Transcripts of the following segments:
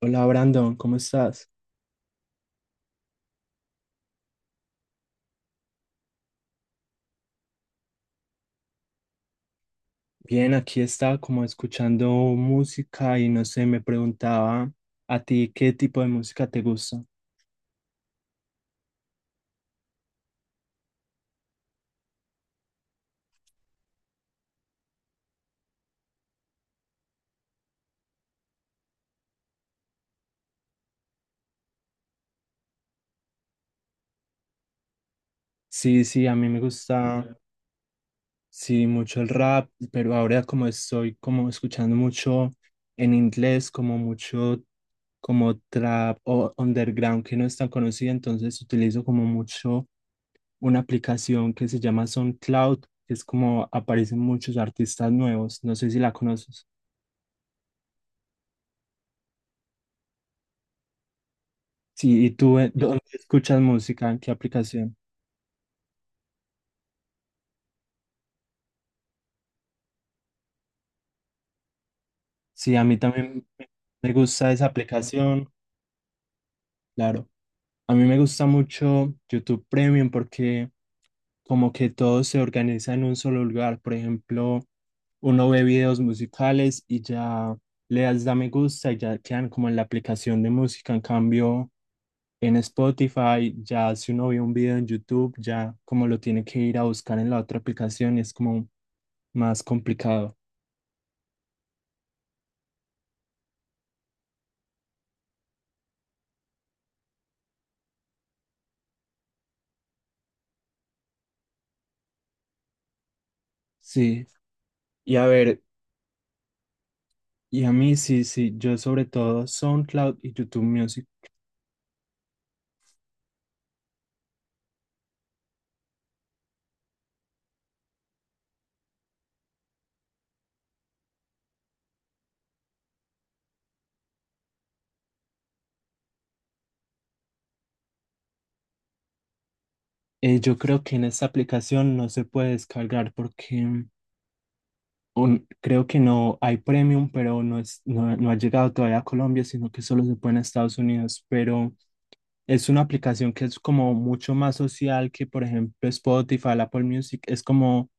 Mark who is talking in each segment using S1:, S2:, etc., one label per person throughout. S1: Hola Brandon, ¿cómo estás? Bien, aquí estaba como escuchando música y no sé, me preguntaba a ti qué tipo de música te gusta. Sí, sí, a mí me gusta, sí, mucho el rap, pero ahora como estoy como escuchando mucho en inglés, como mucho como trap o underground que no es tan conocida, entonces utilizo como mucho una aplicación que se llama SoundCloud, que es como aparecen muchos artistas nuevos, no sé si la conoces. Sí, ¿y tú dónde escuchas música? ¿En qué aplicación? Sí, a mí también me gusta esa aplicación, claro. A mí me gusta mucho YouTube Premium porque como que todo se organiza en un solo lugar. Por ejemplo, uno ve videos musicales y ya le das da me gusta y ya quedan como en la aplicación de música. En cambio, en Spotify, ya si uno ve un video en YouTube, ya como lo tiene que ir a buscar en la otra aplicación, es como más complicado. Sí. Y a ver, y a mí sí, sí, yo sobre todo SoundCloud y YouTube Music. Yo creo que en esta aplicación no se puede descargar porque creo que no hay premium, pero no, es, no, no ha llegado todavía a Colombia, sino que solo se puede en Estados Unidos. Pero es una aplicación que es como mucho más social que, por ejemplo, Spotify, Apple Music. Es como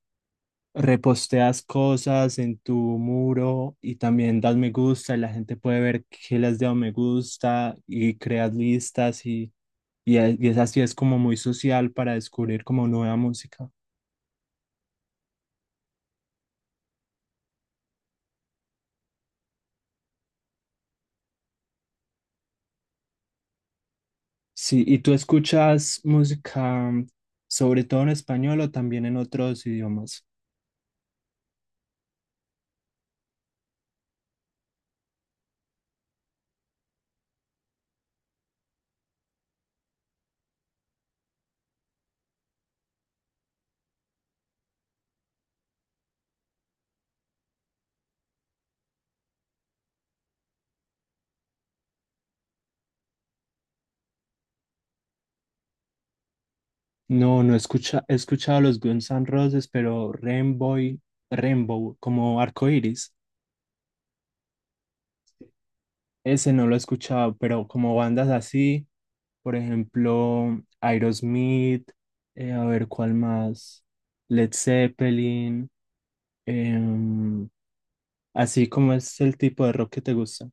S1: reposteas cosas en tu muro y también das me gusta y la gente puede ver qué le has dado me gusta y creas listas y es, y es así, es como muy social para descubrir como nueva música. Sí, ¿y tú escuchas música sobre todo en español o también en otros idiomas? No, no escucha, he escuchado los Guns N' Roses, pero Rainbow, Rainbow, como Arcoiris, ese no lo he escuchado, pero como bandas así, por ejemplo, Aerosmith, a ver cuál más, Led Zeppelin, em, así como es el tipo de rock que te gusta.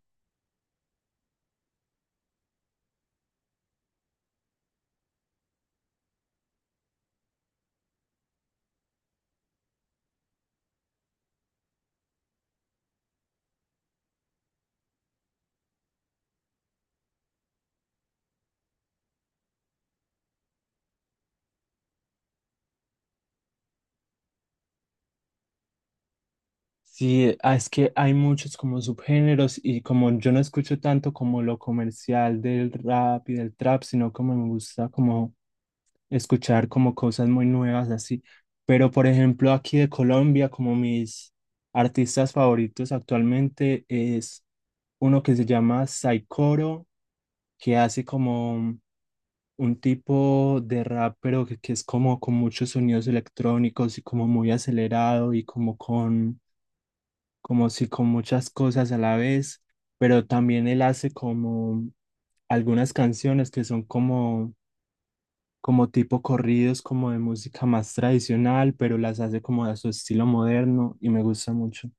S1: Sí, ah, es que hay muchos como subgéneros y como yo no escucho tanto como lo comercial del rap y del trap, sino como me gusta como escuchar como cosas muy nuevas así. Pero por ejemplo aquí de Colombia, como mis artistas favoritos actualmente es uno que se llama Saikoro, que hace como un tipo de rap, pero que es como con muchos sonidos electrónicos y como muy acelerado y como con como si con muchas cosas a la vez, pero también él hace como algunas canciones que son como, como tipo corridos, como de música más tradicional, pero las hace como a su estilo moderno y me gusta mucho.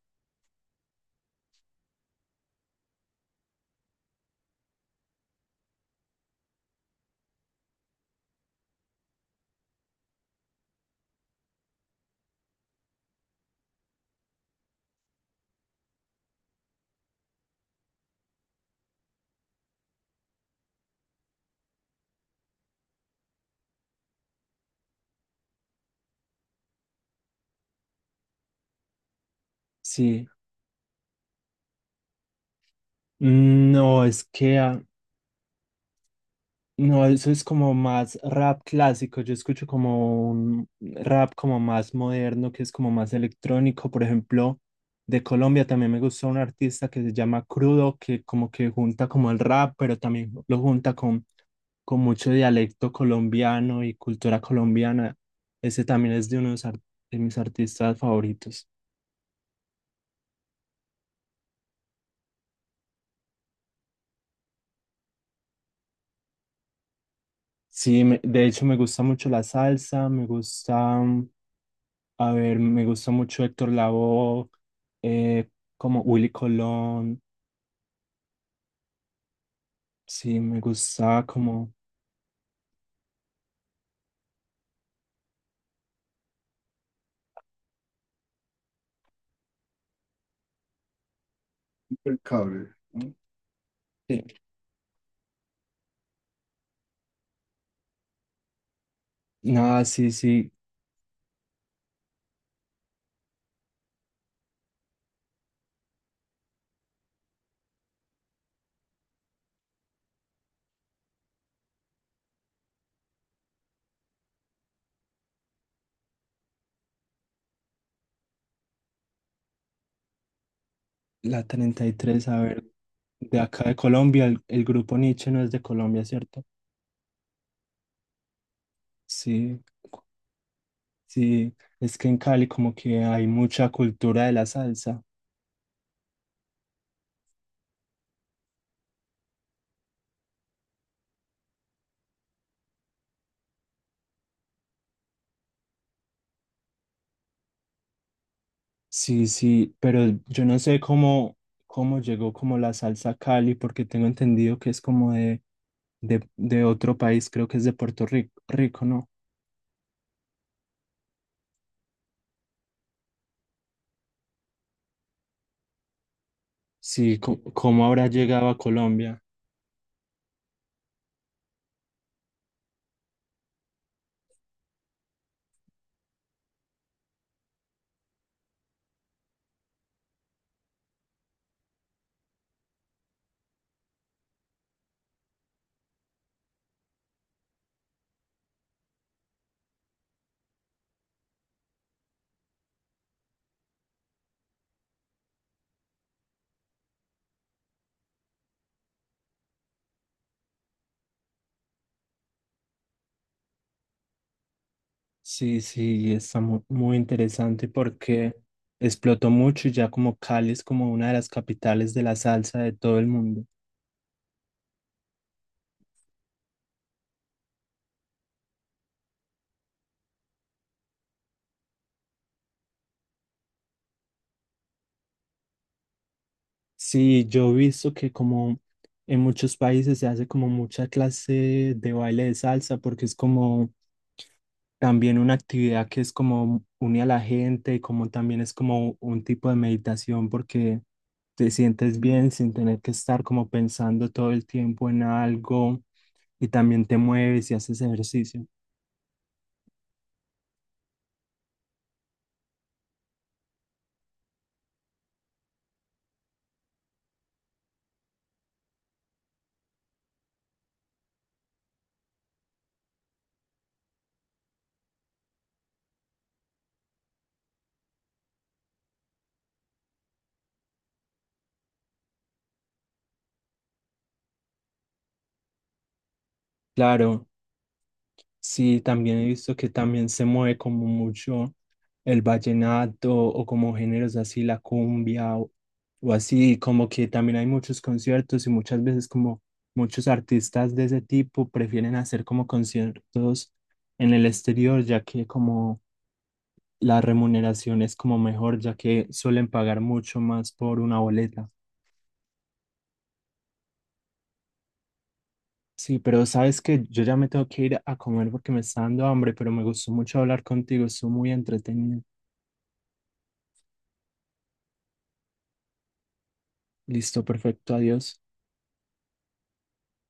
S1: Sí. Mm, no, es que ah, no, eso es como más rap clásico. Yo escucho como un rap como más moderno, que es como más electrónico. Por ejemplo, de Colombia también me gusta un artista que se llama Crudo, que como que junta como el rap, pero también lo junta con mucho dialecto colombiano y cultura colombiana. Ese también es de de mis artistas favoritos. Sí, de hecho me gusta mucho la salsa, me gusta a ver, me gusta mucho Héctor Lavoe, eh, como Willy Colón, sí, me gusta como... Sí. Nada, sí, sí, la 33 a ver, de acá de Colombia, el grupo Nietzsche no es de Colombia, ¿cierto? Sí, sí, es que en Cali como que hay mucha cultura de la salsa, sí, sí, pero yo no sé cómo, cómo llegó como la salsa a Cali, porque tengo entendido que es como de otro país, creo que es de Puerto Rico, Rico, ¿no? Sí, cómo habrá llegado a Colombia. Sí, sí, está muy interesante porque explotó mucho y ya como Cali es como una de las capitales de la salsa de todo el mundo. Sí, yo he visto que como en muchos países se hace como mucha clase de baile de salsa porque es como también una actividad que es como une a la gente, como también es como un tipo de meditación porque te sientes bien sin tener que estar como pensando todo el tiempo en algo y también te mueves y haces ejercicio. Claro, sí, también he visto que también se mueve como mucho el vallenato o como géneros así, la cumbia o así, como que también hay muchos conciertos y muchas veces como muchos artistas de ese tipo prefieren hacer como conciertos en el exterior, ya que como la remuneración es como mejor, ya que suelen pagar mucho más por una boleta. Sí, pero sabes que yo ya me tengo que ir a comer porque me está dando hambre, pero me gustó mucho hablar contigo, estuvo muy entretenido. Listo, perfecto, adiós.